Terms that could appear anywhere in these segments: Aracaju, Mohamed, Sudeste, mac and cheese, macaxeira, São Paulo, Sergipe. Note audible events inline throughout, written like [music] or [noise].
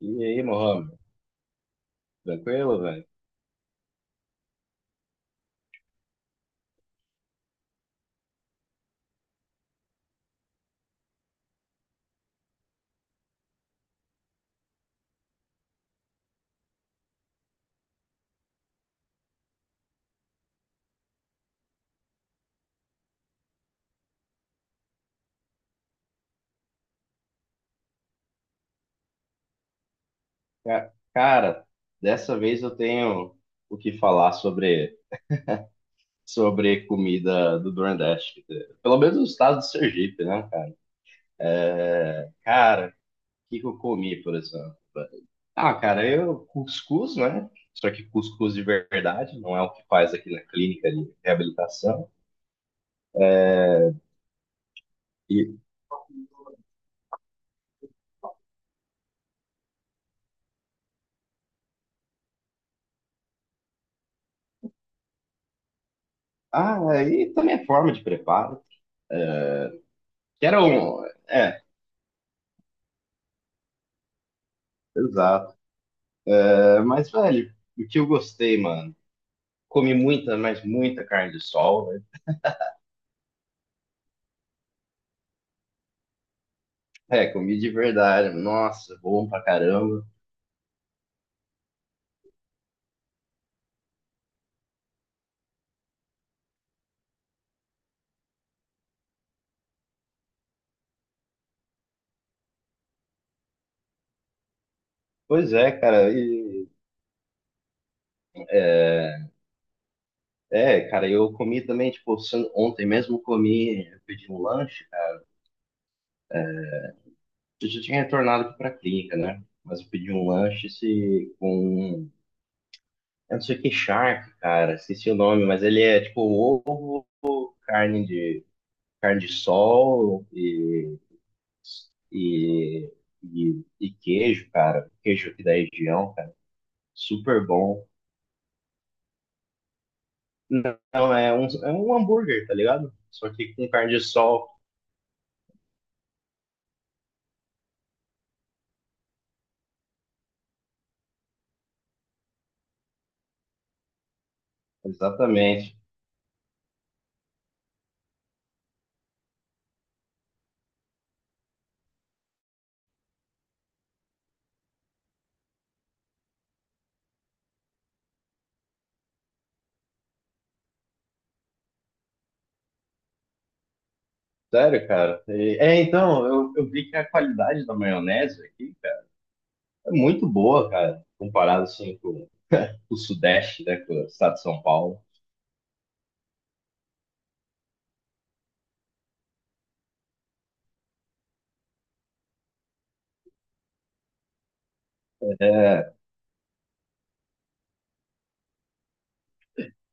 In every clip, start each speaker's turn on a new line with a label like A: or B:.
A: E aí, Mohamed? Tranquilo, velho? Cara, dessa vez eu tenho o que falar sobre comida do Nordeste. Pelo menos o estado do Sergipe, né, cara? É, cara, o que que eu comi, por exemplo? Ah, cara, eu cuscuz, né? Só que cuscuz de verdade, não é o que faz aqui na clínica de reabilitação. E, ah, é, e também a forma de preparo. É. Que era um. É, exato. É, mas, velho, o que eu gostei, mano? Comi muita, mas muita carne de sol, velho. É, comi de verdade. Nossa, bom pra caramba. Pois é, cara. É, cara, eu comi também, tipo, ontem mesmo eu comi, eu pedi um lanche, cara. Eu já tinha retornado aqui pra clínica, né? Mas eu pedi um lanche se, com, eu não sei o que, shark, cara. Esqueci o nome, mas ele é, tipo, um ovo, carne de, carne de sol e, e e queijo, cara. Queijo aqui da região, cara. Super bom. Não, é um hambúrguer, tá ligado? Só que com carne de sol. Exatamente. Sério, cara. É, então, eu vi que a qualidade da maionese aqui, cara, é muito boa, cara. Comparado, assim, com o Sudeste, né, com o estado de São Paulo. É,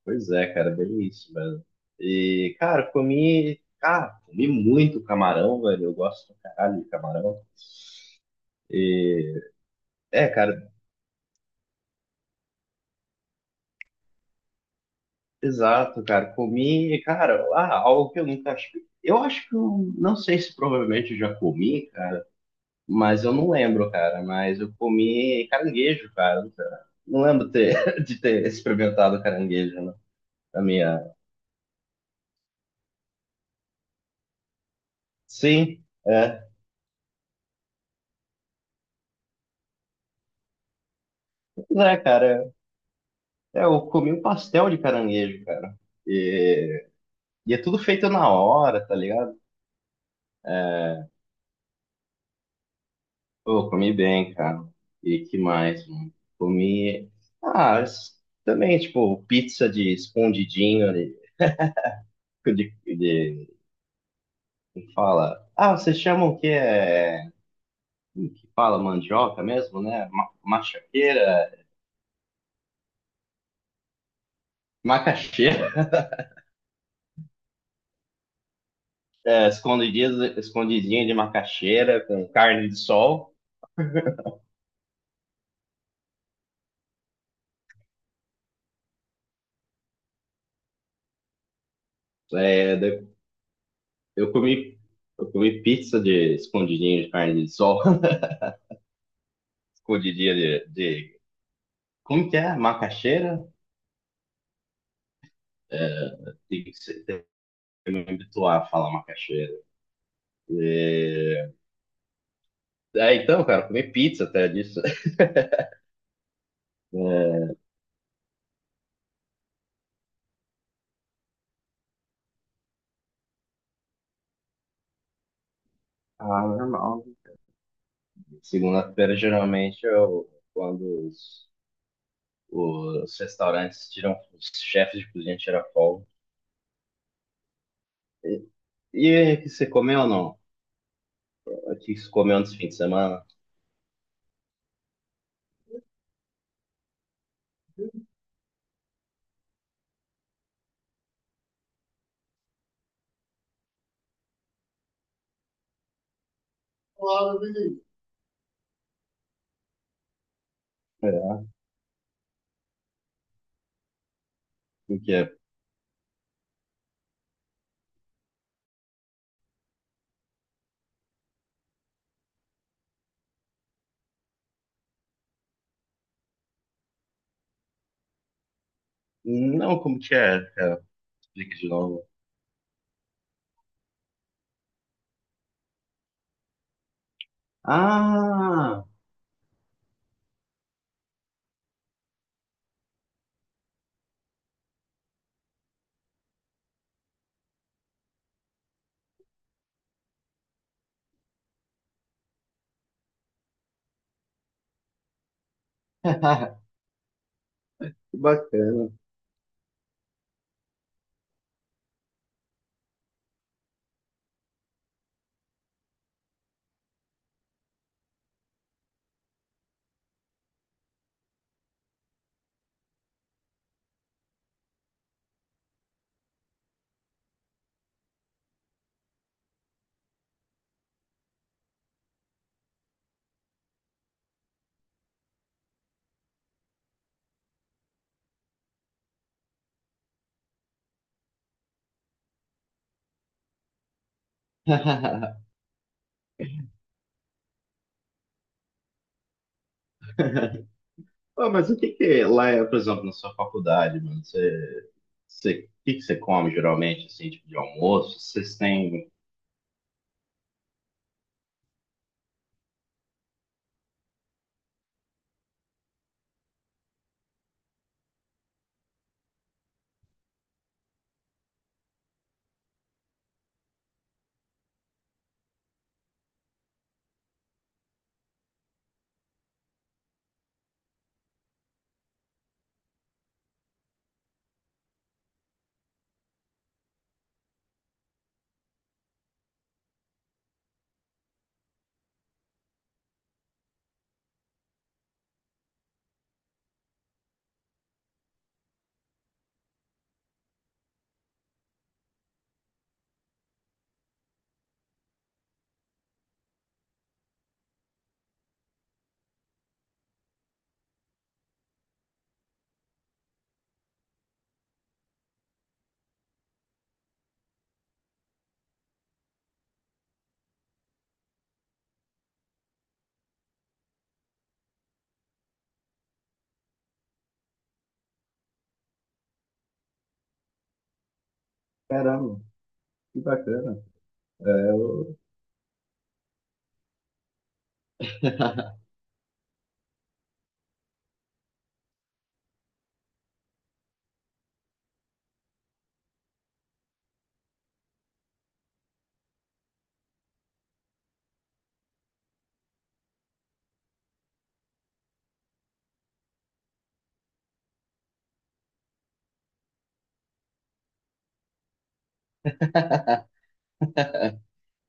A: pois é, cara, bem isso, velho. E, cara, comi... Ah, comi muito camarão, velho. Eu gosto pra caralho de camarão. E, é, cara, Exato, cara. Comi, e, cara, ah, algo que eu nunca acho. Eu acho que eu não sei se provavelmente eu já comi, cara, mas eu não lembro, cara. Mas eu comi caranguejo, cara. Não lembro ter, [laughs] de ter experimentado caranguejo, né, na minha. Sim, é. Pois é, cara. É, eu comi um pastel de caranguejo, cara. E, e é tudo feito na hora, tá ligado? Pô, comi bem, cara. E que mais, mano? Comi. Ah, s- Também, tipo, pizza de escondidinho ali. De, de, como fala. Ah, vocês chamam que é. Como que fala mandioca mesmo, né? Machaqueira. Macaxeira. É, escondidinho de macaxeira com carne de sol. É, de- eu comi, eu comi pizza de escondidinho de carne de sol. [laughs] Escondidinho de. Como que é? Macaxeira? Me habituar a falar macaxeira. É... Ah, então, cara, comer pizza até disso. [laughs] Ah, normal. Segunda-feira, geralmente, eu, os restaurantes tiram, os chefes de cozinha tiram folga. E, e o que você comeu ou não? O que você comeu nesse fim de semana? Logo, beleza. É. O que é? Não, como que é, cara? Explique de novo. Ah, [laughs] que bacana. [laughs] Ah, mas o que que lá é, por exemplo, na sua faculdade, mano? Você, o que que você come geralmente, assim, tipo de almoço? Vocês têm. Caramba, que bacana. É, eu- [laughs]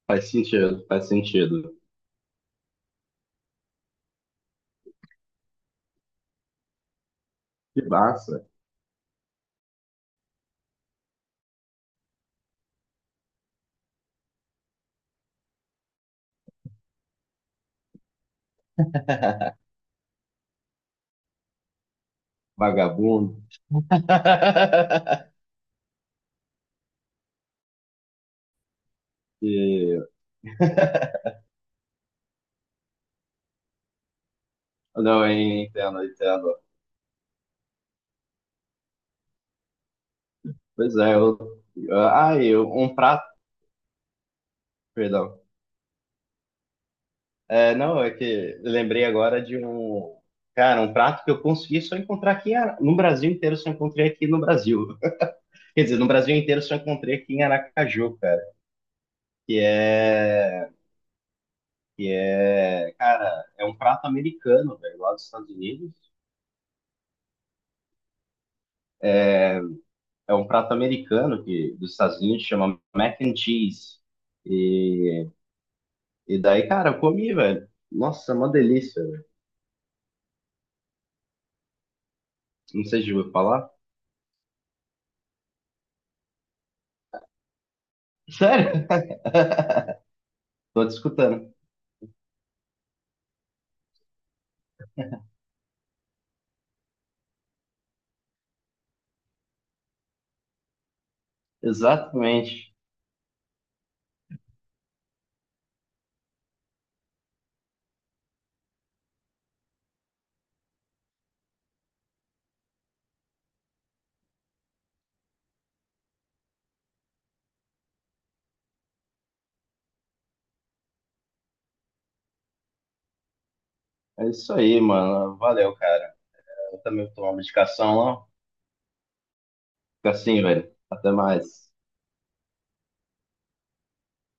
A: Faz sentido, faz sentido. Que massa. Vagabundo. [laughs] E... Não, eu entendo, eu entendo. Pois é, eu. Ah, eu... um prato, perdão. É, não, é que eu lembrei agora de um. Cara, um prato que eu consegui só encontrar aqui em no Brasil inteiro, só encontrei aqui no Brasil. Quer dizer, no Brasil inteiro só encontrei aqui em Aracaju, cara, que é que é, cara, é um prato americano, velho, lá dos Estados Unidos. É um prato americano que dos Estados Unidos chama mac and cheese. E, e daí, cara, eu comi, velho. Nossa, é uma delícia, velho. Não sei se eu vou falar. [laughs] Sério? Tô te escutando. Exatamente. É isso aí, mano. Valeu, cara. Eu também vou tomar uma medicação lá. Fica assim, velho. Até mais.